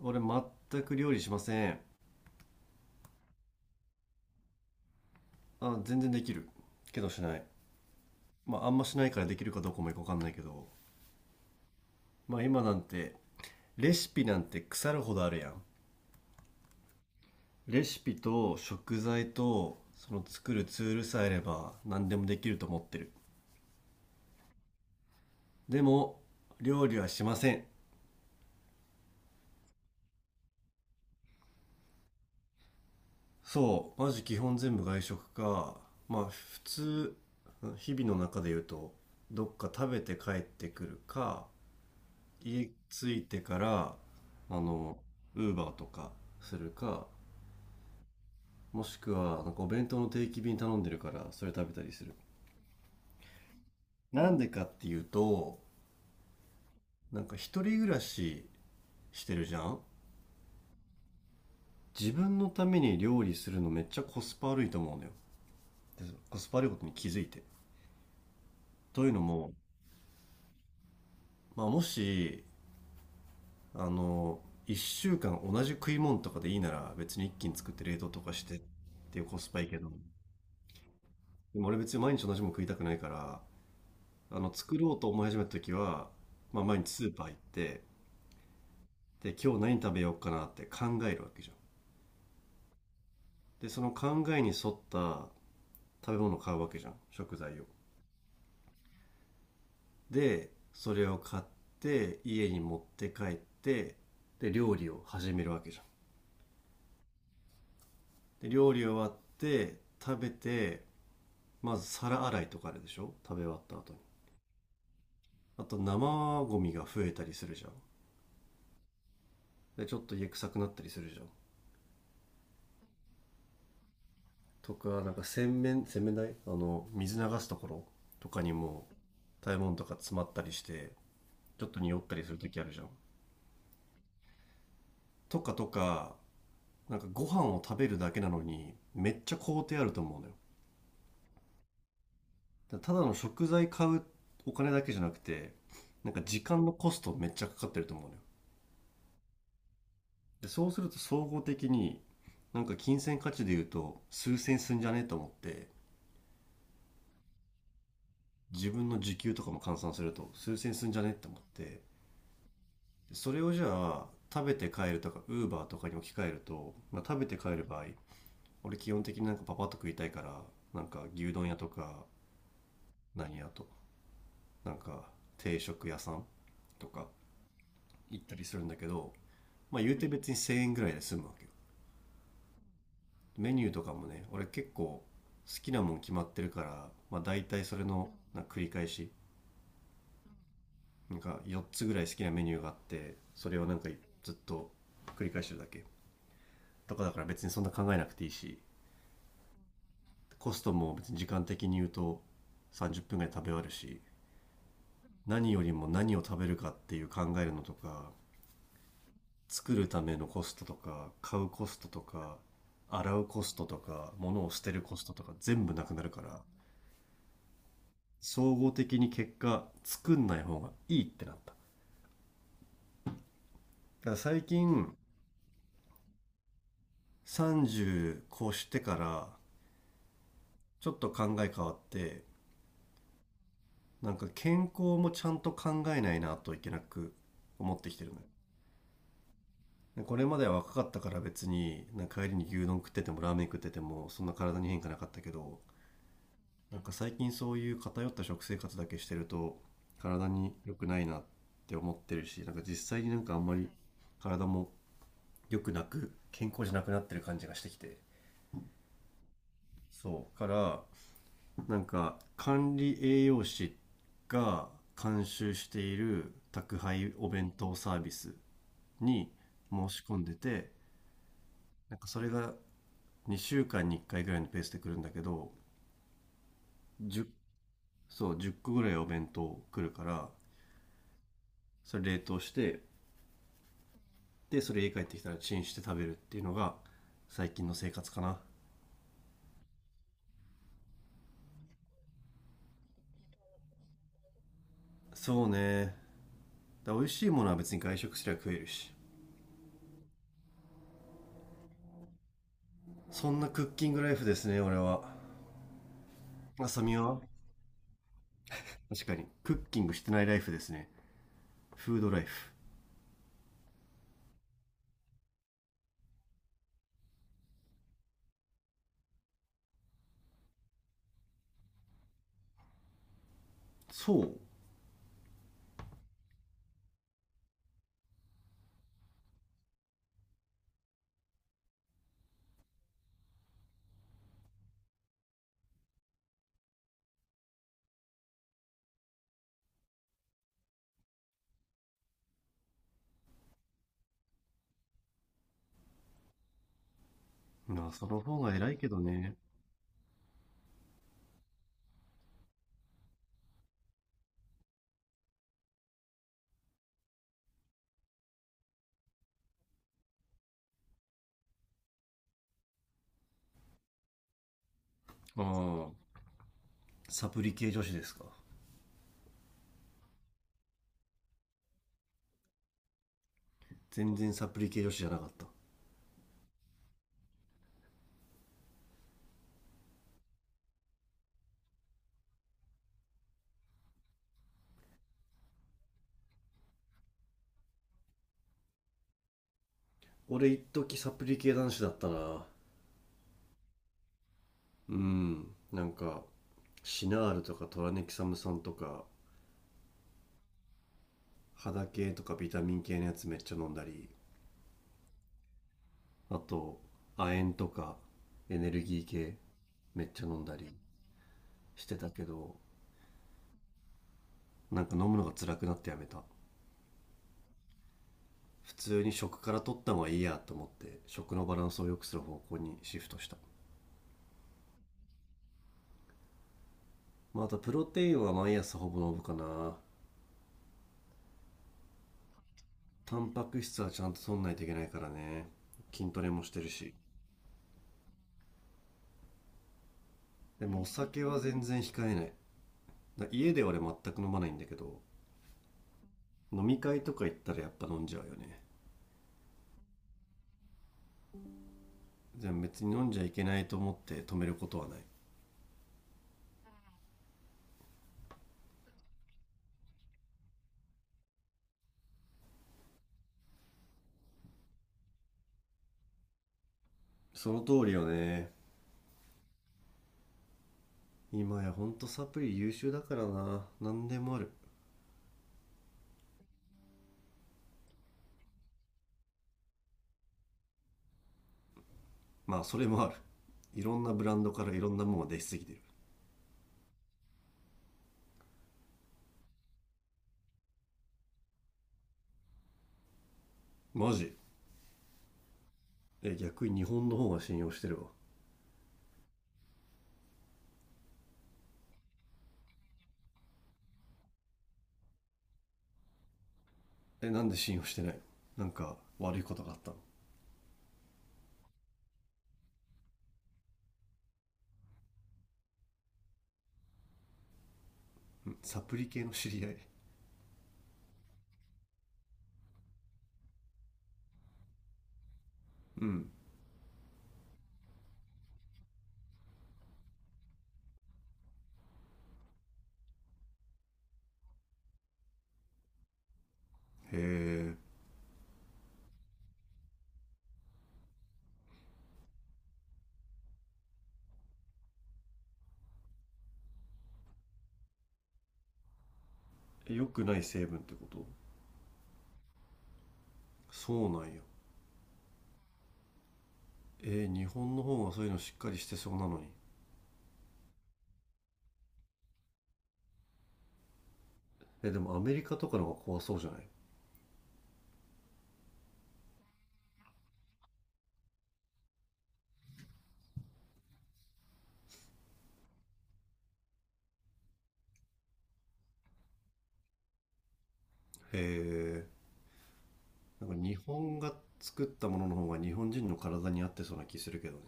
俺全く料理しません。あ、全然できるけどしない。まああんましないからできるかどうかもよかわかんないけど、まあ今なんてレシピなんて腐るほどあるやん。レシピと食材とその作るツールさえあれば何でもできると思ってる。でも料理はしません。そうマジ基本全部外食か。まあ普通日々の中で言うと、どっか食べて帰ってくるか、家着いてからあのウーバーとかするか、もしくはなんかお弁当の定期便頼んでるからそれ食べたりする。なんでかっていうと、なんか一人暮らししてるじゃん。自分のために料理するのめっちゃコスパ悪いと思うのよ。でコスパ悪いことに気づいて、というのも、まあ、もしあの1週間同じ食い物とかでいいなら別に一気に作って冷凍とかしてっていうコスパいいけど、でも俺別に毎日同じもの食いたくないから。作ろうと思い始めた時は、まあ毎日スーパー行って、で、今日何食べようかなって考えるわけじゃん。で、その考えに沿った食べ物を買うわけじゃん。食材を。で、それを買って、家に持って帰って、で、料理を始めるわけじゃん。で、料理終わって、食べて、まず皿洗いとかあるでしょ食べ終わった後に。あと生ゴミが増えたりするじゃん。で、ちょっと家臭くなったりするじゃん。とかなんか洗面台水流すところとかにも食べ物とか詰まったりして、ちょっと匂ったりする時あるじゃん、とかとか、なんかご飯を食べるだけなのにめっちゃ工程あると思うのよ。だからただの食材買うお金だけじゃなくて、なんか時間のコストめっちゃかかってると思うのよ。でそうすると総合的に、なんか金銭価値で言うと数千すんじゃねえと思って、自分の時給とかも換算すると数千すんじゃねえと思って、それをじゃあ食べて帰るとかウーバーとかに置き換えると、まあ、食べて帰る場合、俺基本的になんかパパッと食いたいから、なんか牛丼屋とか何屋となんか定食屋さんとか行ったりするんだけど、まあ、言うて別に1000円ぐらいで済むわけよ。メニューとかもね俺結構好きなもん決まってるから、まあ、大体それのなんか繰り返し、なんか4つぐらい好きなメニューがあって、それをなんかずっと繰り返してるだけとかだから別にそんな考えなくていいし、コストも別に時間的に言うと30分ぐらい食べ終わるし、何よりも何を食べるかっていう考えるのとか、作るためのコストとか買うコストとか洗うコストとか物を捨てるコストとか全部なくなるから、総合的に結果作んない方がいいってなった。だから最近30越してからちょっと考え変わって、なんか健康もちゃんと考えないなといけなく思ってきてるのよ。これまでは若かったから別になんか帰りに牛丼食っててもラーメン食っててもそんな体に変化なかったけど、なんか最近そういう偏った食生活だけしてると体に良くないなって思ってるし、なんか実際になんかあんまり体も良くなく健康じゃなくなってる感じがしてきて、そうから、なんか管理栄養士が監修している宅配お弁当サービスに申し込んでて、なんかそれが2週間に1回ぐらいのペースで来るんだけど、 10, そう1個ぐらいお弁当来るから、それ冷凍して、でそれ家帰ってきたらチンして食べるっていうのが最近の生活かな。そうね。だ美味しいものは別に外食すりゃ食えるし、そんなクッキングライフですね俺は。あさみは確かにクッキングしてないライフですね。フードライフ。そう、まあその方が偉いけどね。ああ、サプリ系女子ですか。全然サプリ系女子じゃなかった。俺一時サプリ系男子だったな。うん、なんかシナールとかトラネキサム酸とか肌系とかビタミン系のやつめっちゃ飲んだり、あと亜鉛とかエネルギー系めっちゃ飲んだりしてたけど、なんか飲むのが辛くなってやめた。普通に食から取った方がいいやと思って食のバランスを良くする方向にシフトした。まあ、あとプロテインは毎朝ほぼ飲むかな。タンパク質はちゃんと取んないといけないからね。筋トレもしてるし。でもお酒は全然控えない。だ家では俺全く飲まないんだけど、飲み会とか行ったらやっぱ飲んじゃうよね。でも別に飲んじゃいけないと思って止めることはない。その通りよね。今やほんとサプリ優秀だからな、何でもある。まあそれもある。いろんなブランドからいろんなものが出しすぎてる。マジ。え、逆に日本の方が信用してるわ。え、なんで信用してないの。なんか悪いことがあったの。うん、サプリ系の知り合い。うん。へえ。良くない成分ってこと。そうなんや。えー、日本の方がそういうのしっかりしてそうなのに。えー、でもアメリカとかの方が怖そうじゃない、へえ。なんか日本が作ったものの方が日本人の体に合ってそうな気するけどね。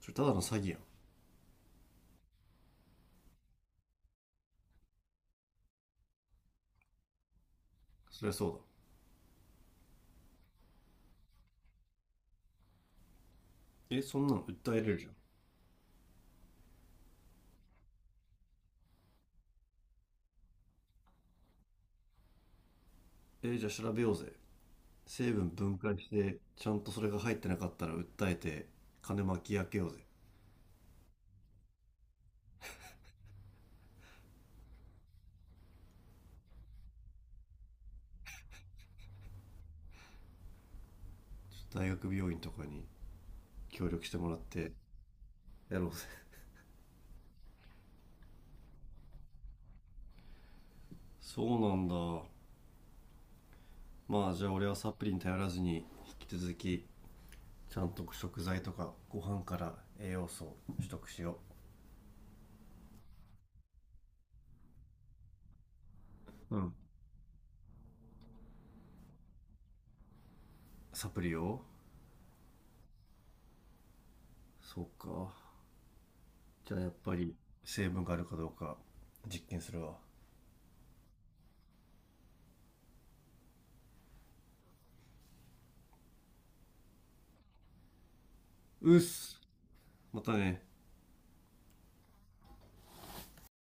それただの詐欺やん。そりゃそうだ。え、そんなの訴えれるじゃん。えー、じゃあ調べようぜ。成分分解して、ちゃんとそれが入ってなかったら訴えて、金巻き上げようぜ。ちょっと大学病院とかに協力してもらって、やろうぜ。そうなんだ。まあじゃあ俺はサプリに頼らずに、引き続きちゃんと食材とかご飯から栄養素を取得しよう。うん、サプリを。そうか、じゃあやっぱり成分があるかどうか実験するわ。うっす。またね。